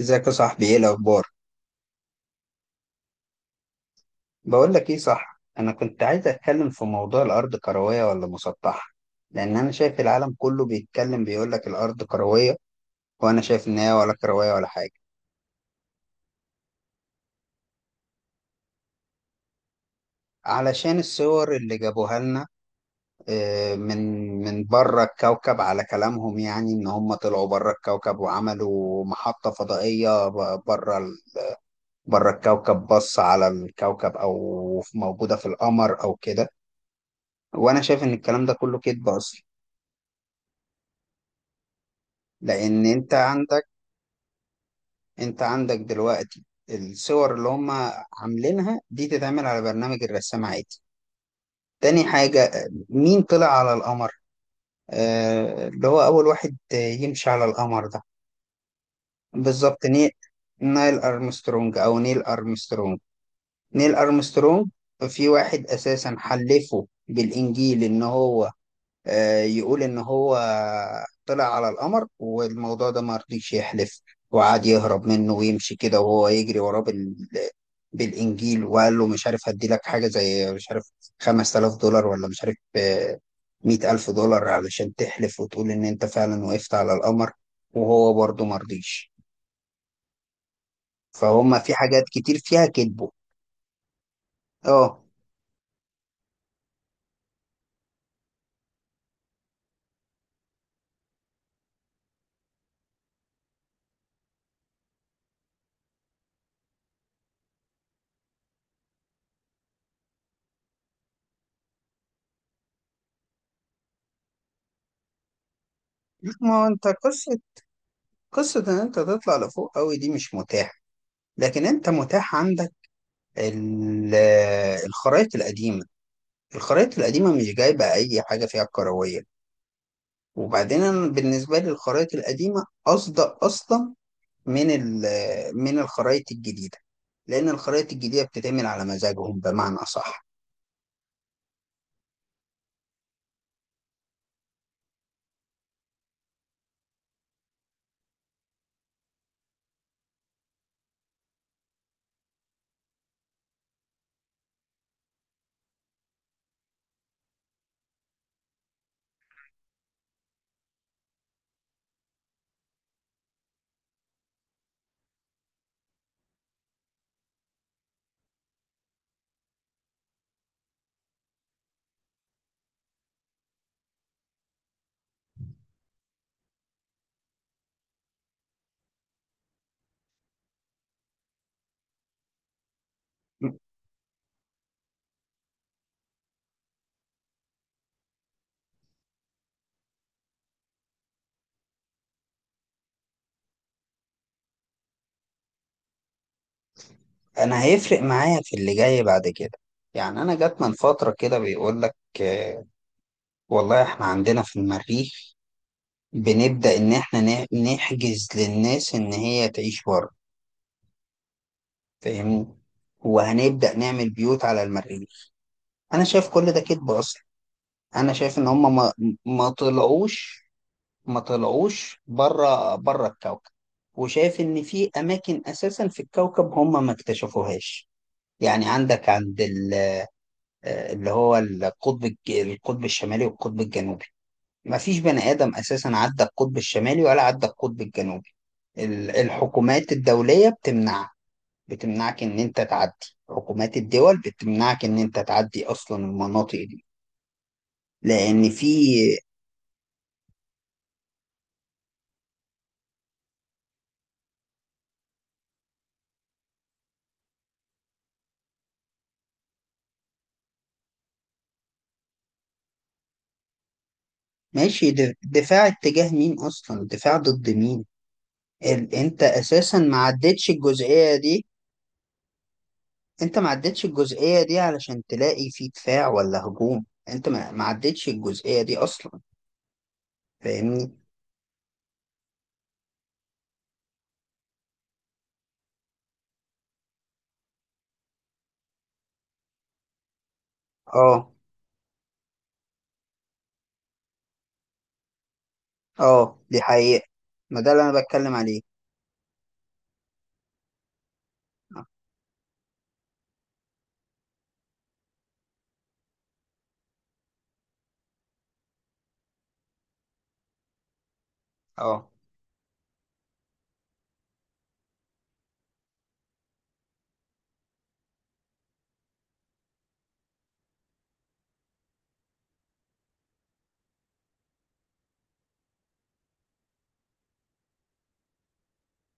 ازيك يا صاحبي، ايه الاخبار؟ بقول لك ايه، صح، انا كنت عايز اتكلم في موضوع الارض، كرويه ولا مسطحه؟ لان انا شايف العالم كله بيتكلم، بيقول لك الارض كرويه، وانا شايف ان هي ولا كرويه ولا حاجه. علشان الصور اللي جابوها لنا، آه، من من بره الكوكب، على كلامهم، يعني ان هم طلعوا بره الكوكب وعملوا محطه فضائيه بره الكوكب، بص على الكوكب، او موجوده في القمر او كده. وانا شايف ان الكلام ده كله كذب اصلا. لان انت عندك دلوقتي الصور اللي هم عاملينها دي تتعمل على برنامج الرسام عادي. تاني حاجة، مين طلع على القمر؟ اللي هو اول واحد يمشي على القمر ده. بالظبط ني... نايل ارمسترونج او نيل ارمسترونج، نيل ارمسترونج. في واحد اساسا حلفه بالانجيل ان هو، يقول إن هو طلع على القمر، والموضوع ده ما رضيش يحلف، وقعد يهرب منه ويمشي كده وهو يجري وراه بالإنجيل، وقال له مش عارف هدي لك حاجة زي مش عارف 5000 دولار، ولا مش عارف، 100000 دولار علشان تحلف وتقول إن أنت فعلا وقفت على القمر، وهو برضه ما رضيش. فهم في حاجات كتير فيها كذبه. اه. لا، ما هو انت قصة، قصة ان انت تطلع لفوق قوي دي مش متاحة. لكن انت متاح عندك ال- الخرايط القديمة. الخرايط القديمة مش جايبة أي حاجة فيها كروية. وبعدين أنا بالنسبة لي الخرايط القديمة أصدق أصلا من ال- من الخرايط الجديدة، لأن الخرايط الجديدة بتتعمل على مزاجهم، بمعنى أصح. أنا هيفرق معايا في اللي جاي بعد كده. يعني أنا جات من فترة كده بيقول لك، آه، والله إحنا عندنا في المريخ بنبدأ إن إحنا نحجز للناس إن هي تعيش بره، فاهمني، وهنبدأ نعمل بيوت على المريخ. انا شايف كل ده كذب اصلا. انا شايف ان هم ما, ما طلعوش ما طلعوش بره الكوكب. وشايف ان في اماكن اساسا في الكوكب هم ما اكتشفوهاش. يعني عندك اللي هو القطب الشمالي والقطب الجنوبي، ما فيش بني ادم اساسا عدى القطب الشمالي ولا عدى القطب الجنوبي. الحكومات الدولية بتمنع، بتمنعك ان انت تعدي، حكومات الدول بتمنعك ان انت تعدي اصلا المناطق دي، لان في. ماشي، دفاع اتجاه مين اصلا، دفاع ضد مين؟ انت اساسا ما عدتش الجزئية دي. انت ما عدتش الجزئية دي علشان تلاقي في دفاع ولا هجوم، انت ما عدتش الجزئية دي اصلا، فاهمني؟ اه. اه، دي حقيقة، ما ده اللي انا بتكلم عليه. اه. آه،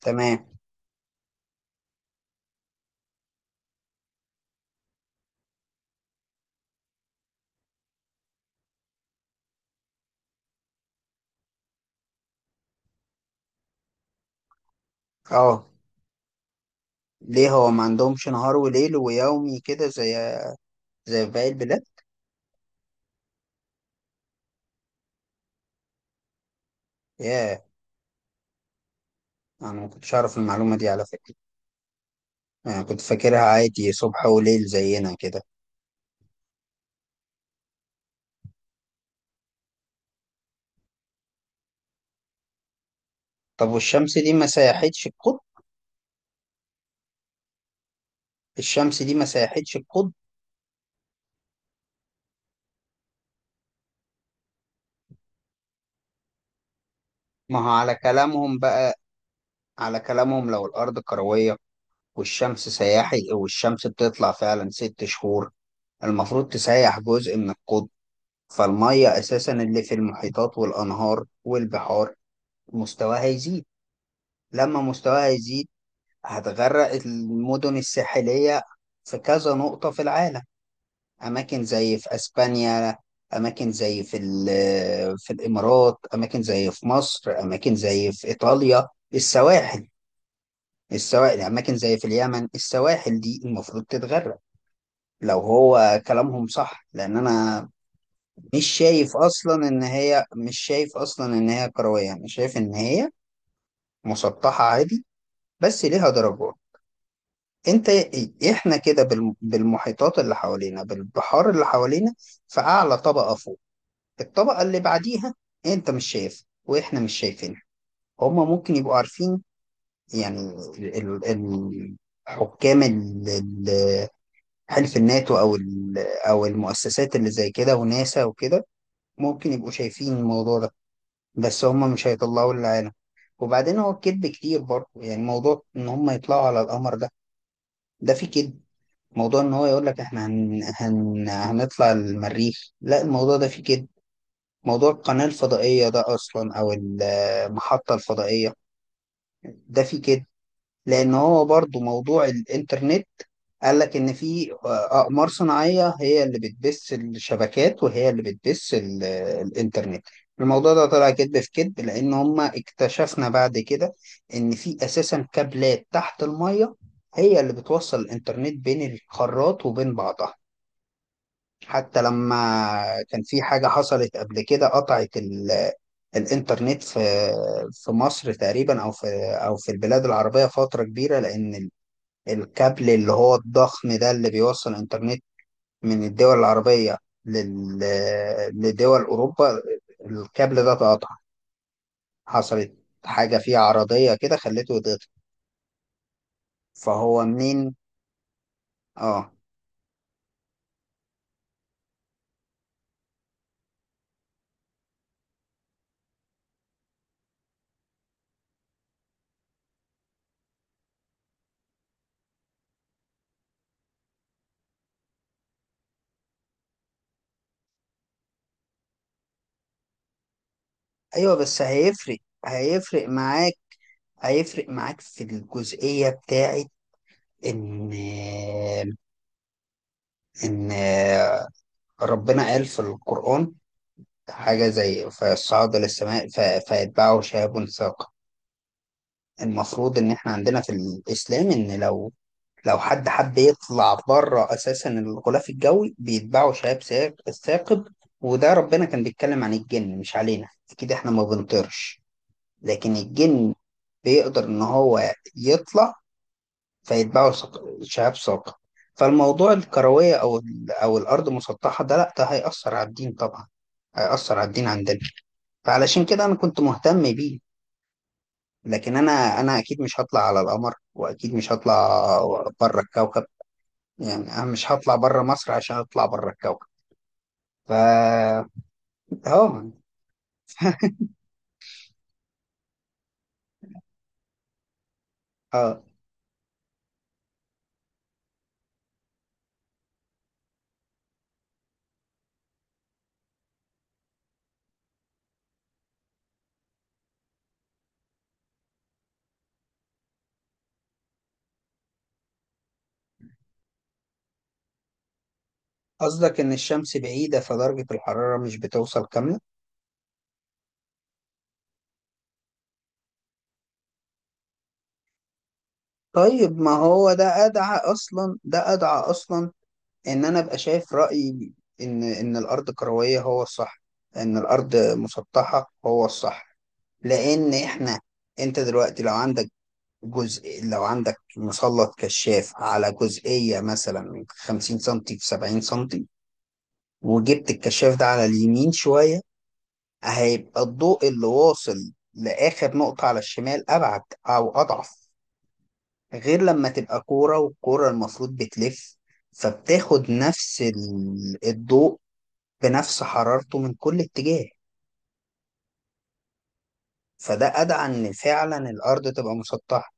تمام. اه. ليه هو ما عندهمش نهار وليل ويومي كده زي، زي في باقي البلاد؟ ياه، انا ما كنتش اعرف المعلومه دي على فكره، انا كنت فاكرها عادي صبح وليل زينا كده. طب والشمس دي ما سيحتش القطب؟ الشمس دي ما سيحتش القطب؟ ما هو على كلامهم بقى، على كلامهم لو الارض كرويه، والشمس سياحي، والشمس بتطلع فعلا 6 شهور، المفروض تسيح جزء من القطب، فالميه اساسا اللي في المحيطات والانهار والبحار مستواها يزيد. لما مستواها يزيد هتغرق المدن الساحلية في كذا نقطة في العالم. أماكن زي في أسبانيا، أماكن زي في الإمارات، أماكن زي في مصر، أماكن زي في إيطاليا، السواحل، السواحل، أماكن زي في اليمن، السواحل دي المفروض تتغرق لو هو كلامهم صح. لأن أنا مش شايف أصلا إن هي، مش شايف أصلا إن هي كروية. أنا شايف إن هي مسطحة عادي، بس ليها درجات. انت، احنا كده بالمحيطات اللي حوالينا، بالبحار اللي حوالينا، في اعلى طبقة فوق، الطبقة اللي بعديها انت مش شايف، واحنا مش شايفينها، هما ممكن يبقوا عارفين. يعني حكام حلف الناتو، او او المؤسسات اللي زي كده وناسا وكده، ممكن يبقوا شايفين الموضوع ده، بس هما مش هيطلعوا للعالم. وبعدين هو الكذب كتير برضه، يعني موضوع ان هما يطلعوا على القمر ده، ده فيه كذب. موضوع ان هو يقول لك احنا هنطلع المريخ، لا، الموضوع ده فيه كده. موضوع القناة الفضائية ده اصلا او المحطة الفضائية ده فيه كده. لان هو برضو موضوع الانترنت قال لك ان في اقمار صناعية هي اللي بتبث الشبكات وهي اللي بتبث الانترنت. الموضوع ده طلع كذب في كذب، لان هما اكتشفنا بعد كده ان في اساسا كابلات تحت المية هي اللي بتوصل الانترنت بين القارات وبين بعضها. حتى لما كان في حاجة حصلت قبل كده قطعت الإنترنت في مصر تقريبا، أو في، أو في البلاد العربية فترة كبيرة، لأن الكابل اللي هو الضخم ده اللي بيوصل الإنترنت من الدول العربية، لل لدول أوروبا، الكابل ده اتقطع، حصلت حاجة فيه عرضية كده خلته يتقطع. فهو منين؟ آه. أيوه بس هيفرق، هيفرق معاك، هيفرق معاك في الجزئية بتاعة إن إن ربنا قال في القرآن حاجة زي فصعد للسماء فيتبعه شهاب ثاقب. المفروض إن إحنا عندنا في الإسلام إن لو حد حب يطلع بره أساسا الغلاف الجوي بيتبعه ثاقب. وده ربنا كان بيتكلم عن الجن مش علينا، أكيد إحنا ما بنطيرش، لكن الجن بيقدر إن هو يطلع فيتباعوا شهاب ثاقب. فالموضوع الكروية أو الأرض مسطحة ده، لأ ده هيأثر على الدين طبعا، هيأثر على الدين عندنا. فعلشان كده أنا كنت مهتم بيه. لكن أنا أنا أكيد مش هطلع على القمر، وأكيد مش هطلع بره الكوكب. يعني أنا مش هطلع بره مصر عشان أطلع بره الكوكب، فا. أه. أه، قصدك إن الشمس بعيدة فدرجة الحرارة مش بتوصل كاملة؟ طيب ما هو ده أدعى أصلا، ده أدعى أصلا ان انا ابقى شايف رأيي ان الارض كروية هو الصح، ان الارض مسطحة هو الصح. لان احنا، انت دلوقتي لو عندك جزء، لو عندك مسلط كشاف على جزئية مثلا من 50 سنتي في 70 سنتي، وجبت الكشاف ده على اليمين شوية، هيبقى الضوء اللي واصل لآخر نقطة على الشمال أبعد، أو أضعف. غير لما تبقى كورة، والكورة المفروض بتلف، فبتاخد نفس الضوء بنفس حرارته من كل اتجاه. فده أدعى إن فعلا الأرض تبقى مسطحة.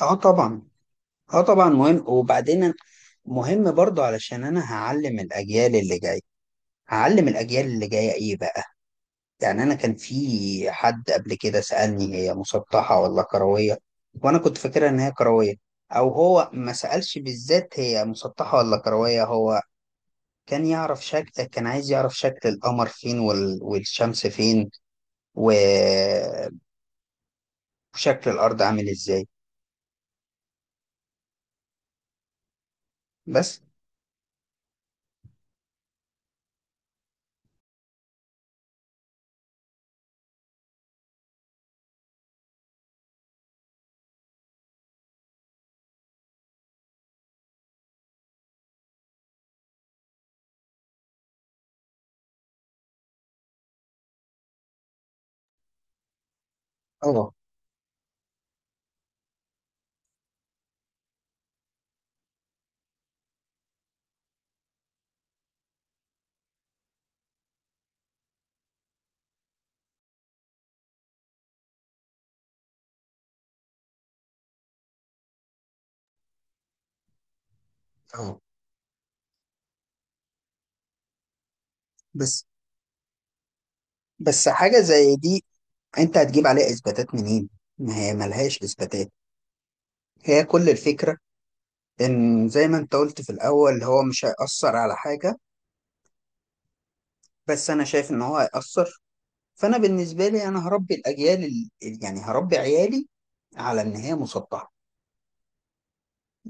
اه طبعا، اه طبعا مهم. مهم برضو علشان أنا هعلم الأجيال اللي جاية، هعلم الأجيال اللي جاية إيه بقى؟ يعني أنا كان في حد قبل كده سألني هي مسطحة ولا كروية، وأنا كنت فاكرها إن هي كروية. أو هو ما سألش بالذات هي مسطحة ولا كروية، هو كان يعرف شكل، كان عايز يعرف شكل القمر فين والشمس فين و... وشكل الارض عامل ازاي. بس. اه. اه، بس بس حاجه زي دي، انت هتجيب عليها اثباتات منين؟ ما هي ملهاش اثباتات. هي كل الفكره ان زي ما انت قلت في الاول هو مش هيأثر على حاجه. بس انا شايف ان هو هيأثر. فانا بالنسبه لي انا هربي الاجيال يعني هربي عيالي على ان هي مسطحه،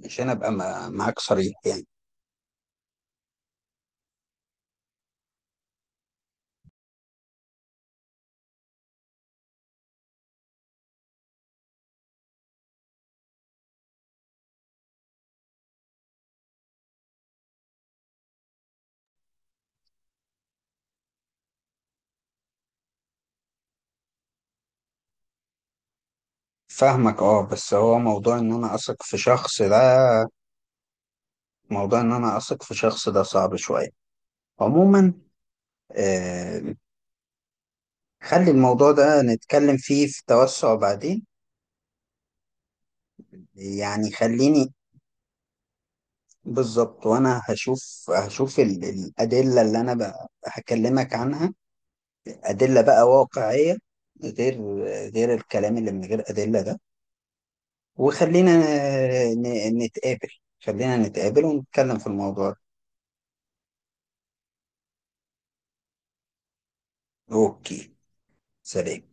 عشان ابقى معاك صريح يعني. فاهمك اه. بس هو موضوع ان انا اثق في شخص ده، موضوع ان انا اثق في شخص ده صعب شويه. عموما، آه، خلي الموضوع ده نتكلم فيه في توسع بعدين. يعني خليني. بالظبط، وانا هشوف، هشوف الأدلة اللي انا هكلمك عنها، أدلة بقى واقعية، غير غير الكلام اللي من غير أدلة ده. وخلينا نتقابل، خلينا نتقابل ونتكلم في الموضوع ده. اوكي، سلام.